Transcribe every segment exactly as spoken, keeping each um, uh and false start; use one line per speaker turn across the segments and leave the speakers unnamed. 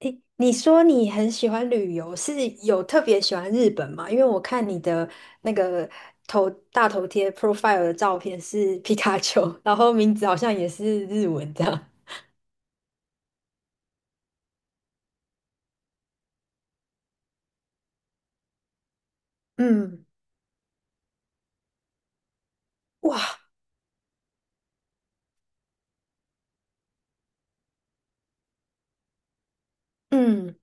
诶，你说你很喜欢旅游，是有特别喜欢日本吗？因为我看你的那个头大头贴 profile 的照片是 皮卡丘，然后名字好像也是日文这样。嗯。哇。嗯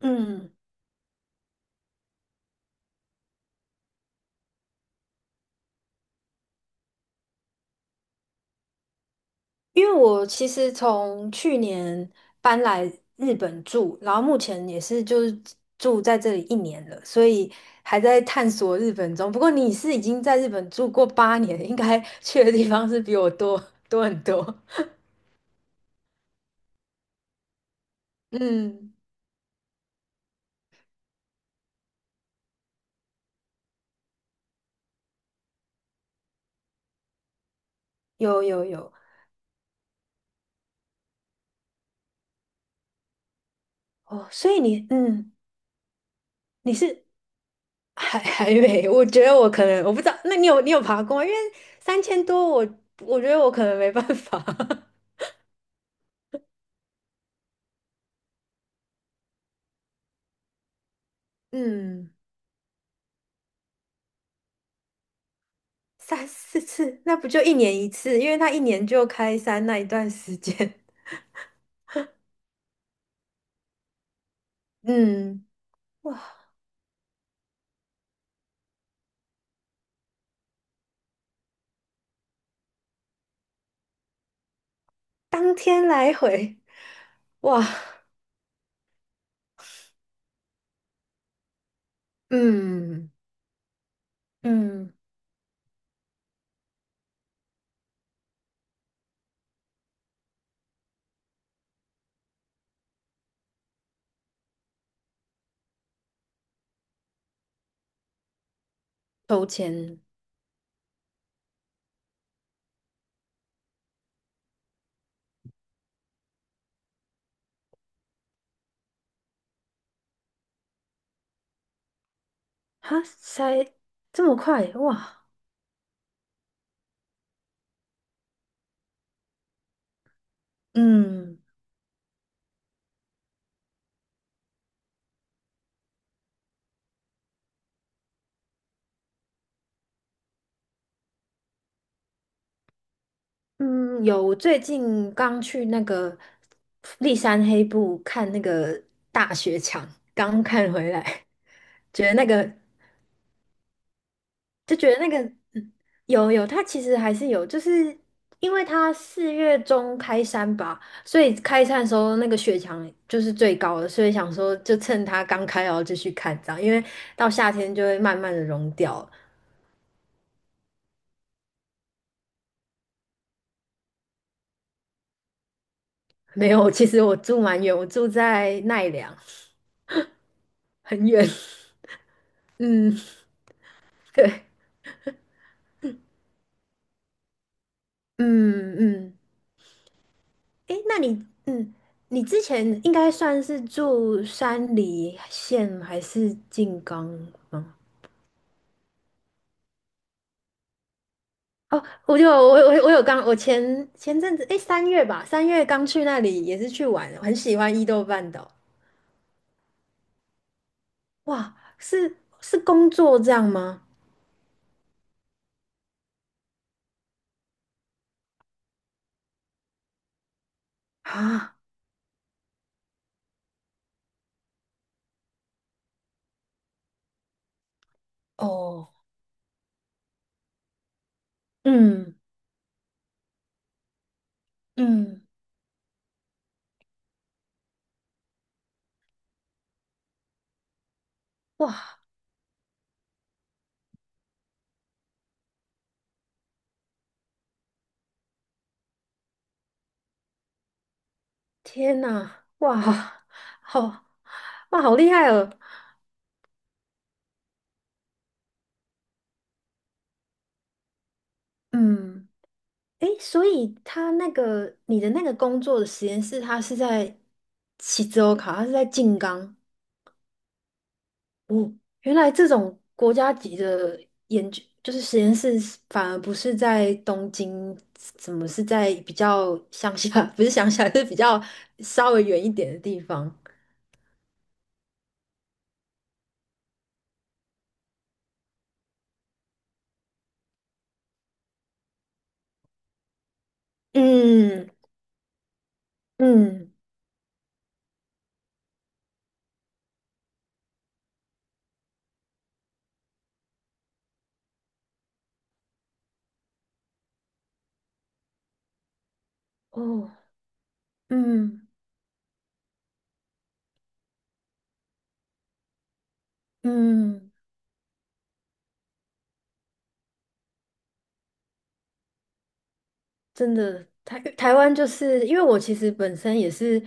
嗯。因为我其实从去年搬来日本住，然后目前也是就是住在这里一年了，所以还在探索日本中。不过你是已经在日本住过八年，应该去的地方是比我多多很多。嗯。有有有。哦，所以你嗯，你是还还没 我觉得我可能我不知道，那你有你有爬过吗？因为三千多我，我觉得我可能没办法。嗯。三四次，那不就一年一次？因为他一年就开山那一段时间。嗯。哇。当天来回。哇。嗯嗯。抽签。哈塞，这么快。哇。嗯。嗯，有，我最近刚去那个立山黑部看那个大雪墙，刚看回来，觉得那个就觉得那个嗯有有，它其实还是有，就是因为它四月中开山吧，所以开山的时候那个雪墙就是最高的，所以想说就趁它刚开然后就去看这样，因为到夏天就会慢慢的融掉了。没有，其实我住蛮远，我住在奈良，很远。嗯。对。嗯嗯。诶，那你，嗯，你之前应该算是住山梨县还是静冈吗？哦，我就我我我有刚，我前前阵子，诶，三月吧，三月刚去那里，也是去玩，很喜欢伊豆半岛。哇，是是工作这样吗？啊。哦。嗯嗯。哇。天呐。哇。好。哇，好厉害哦。嗯。诶，所以他那个你的那个工作的实验室，他是在西州考，他是在静冈。哦，原来这种国家级的研究，就是实验室是反而不是在东京，怎么是在比较乡下？不是乡下，是比较稍微远一点的地方。嗯嗯。哦。嗯嗯。真的，台台湾就是因为我其实本身也是，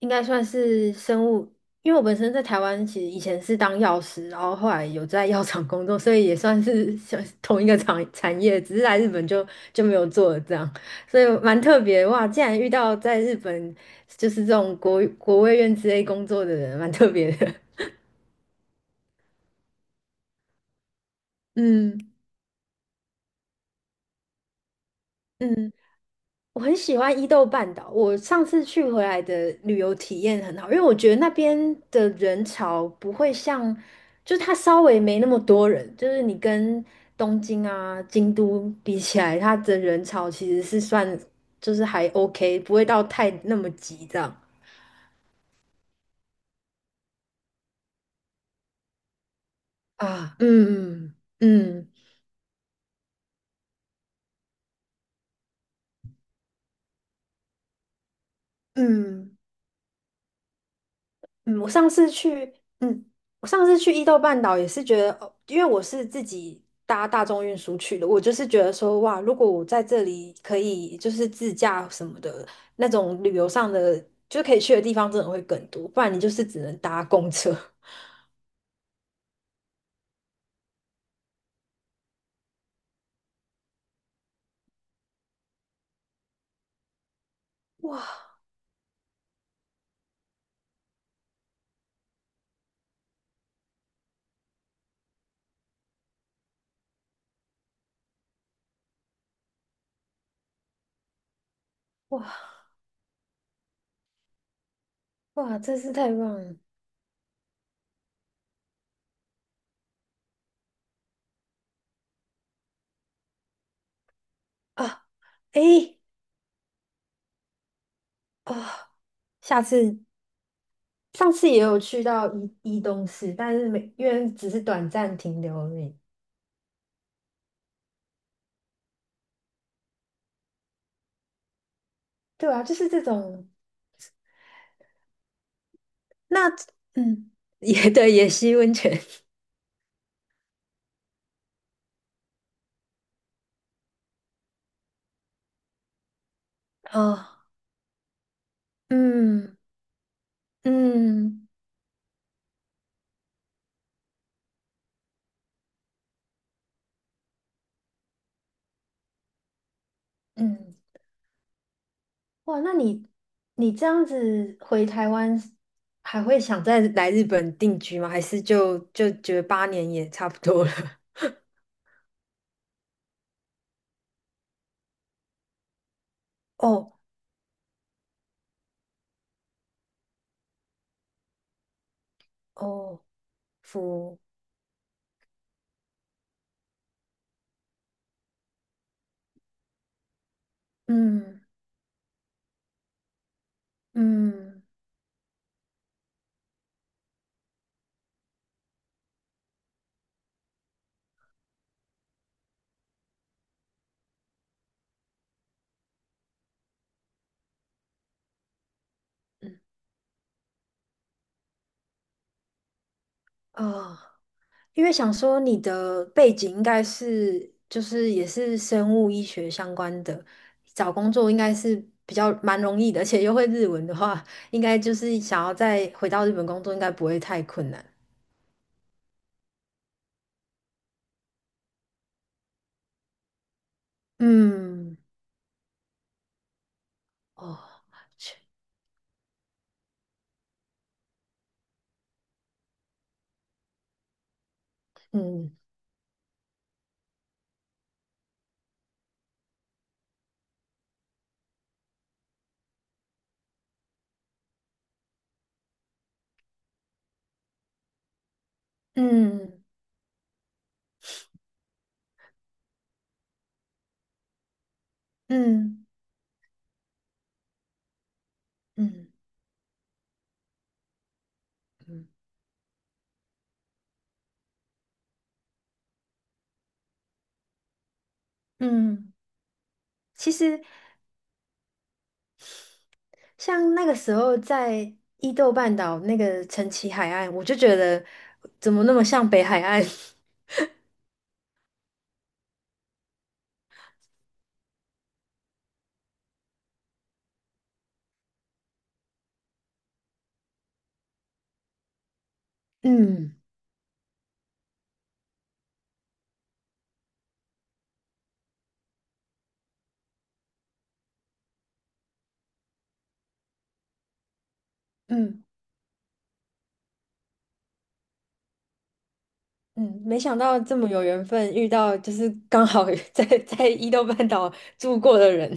应该算是生物，因为我本身在台湾其实以前是当药师，然后后来有在药厂工作，所以也算是像同一个产产业，只是来日本就就没有做了这样，所以蛮特别哇！竟然遇到在日本就是这种国国卫院之类工作的人，蛮特别的。嗯嗯。我很喜欢伊豆半岛，我上次去回来的旅游体验很好，因为我觉得那边的人潮不会像，就是它稍微没那么多人，就是你跟东京啊、京都比起来，它的人潮其实是算就是还 OK,不会到太那么急这样。啊。嗯嗯嗯。嗯嗯，我上次去，嗯，我上次去伊豆半岛也是觉得，哦，因为我是自己搭大众运输去的，我就是觉得说，哇，如果我在这里可以就是自驾什么的，那种旅游上的，就是可以去的地方真的会更多，不然你就是只能搭公车。哇哇哇！真是太棒了啊！诶啊，下次上次也有去到伊伊东市，但是没因为只是短暂停留而已。对啊，就是这种那嗯，也对，也吸温泉。哦。嗯嗯嗯。哇，那你你这样子回台湾，还会想再来日本定居吗？还是就就觉得八年也差不多了？哦哦。服。嗯嗯嗯。哦。因为想说你的背景应该是就是也是生物医学相关的，找工作应该是比较蛮容易的，而且又会日文的话，应该就是想要再回到日本工作，应该不会太困难。嗯。哦。确嗯嗯嗯嗯嗯嗯。其实像那个时候在伊豆半岛那个陈崎海岸，我就觉得怎么那么像北海岸？嗯嗯。嗯，没想到这么有缘分，遇到就是刚好 在在伊豆半岛住过的人。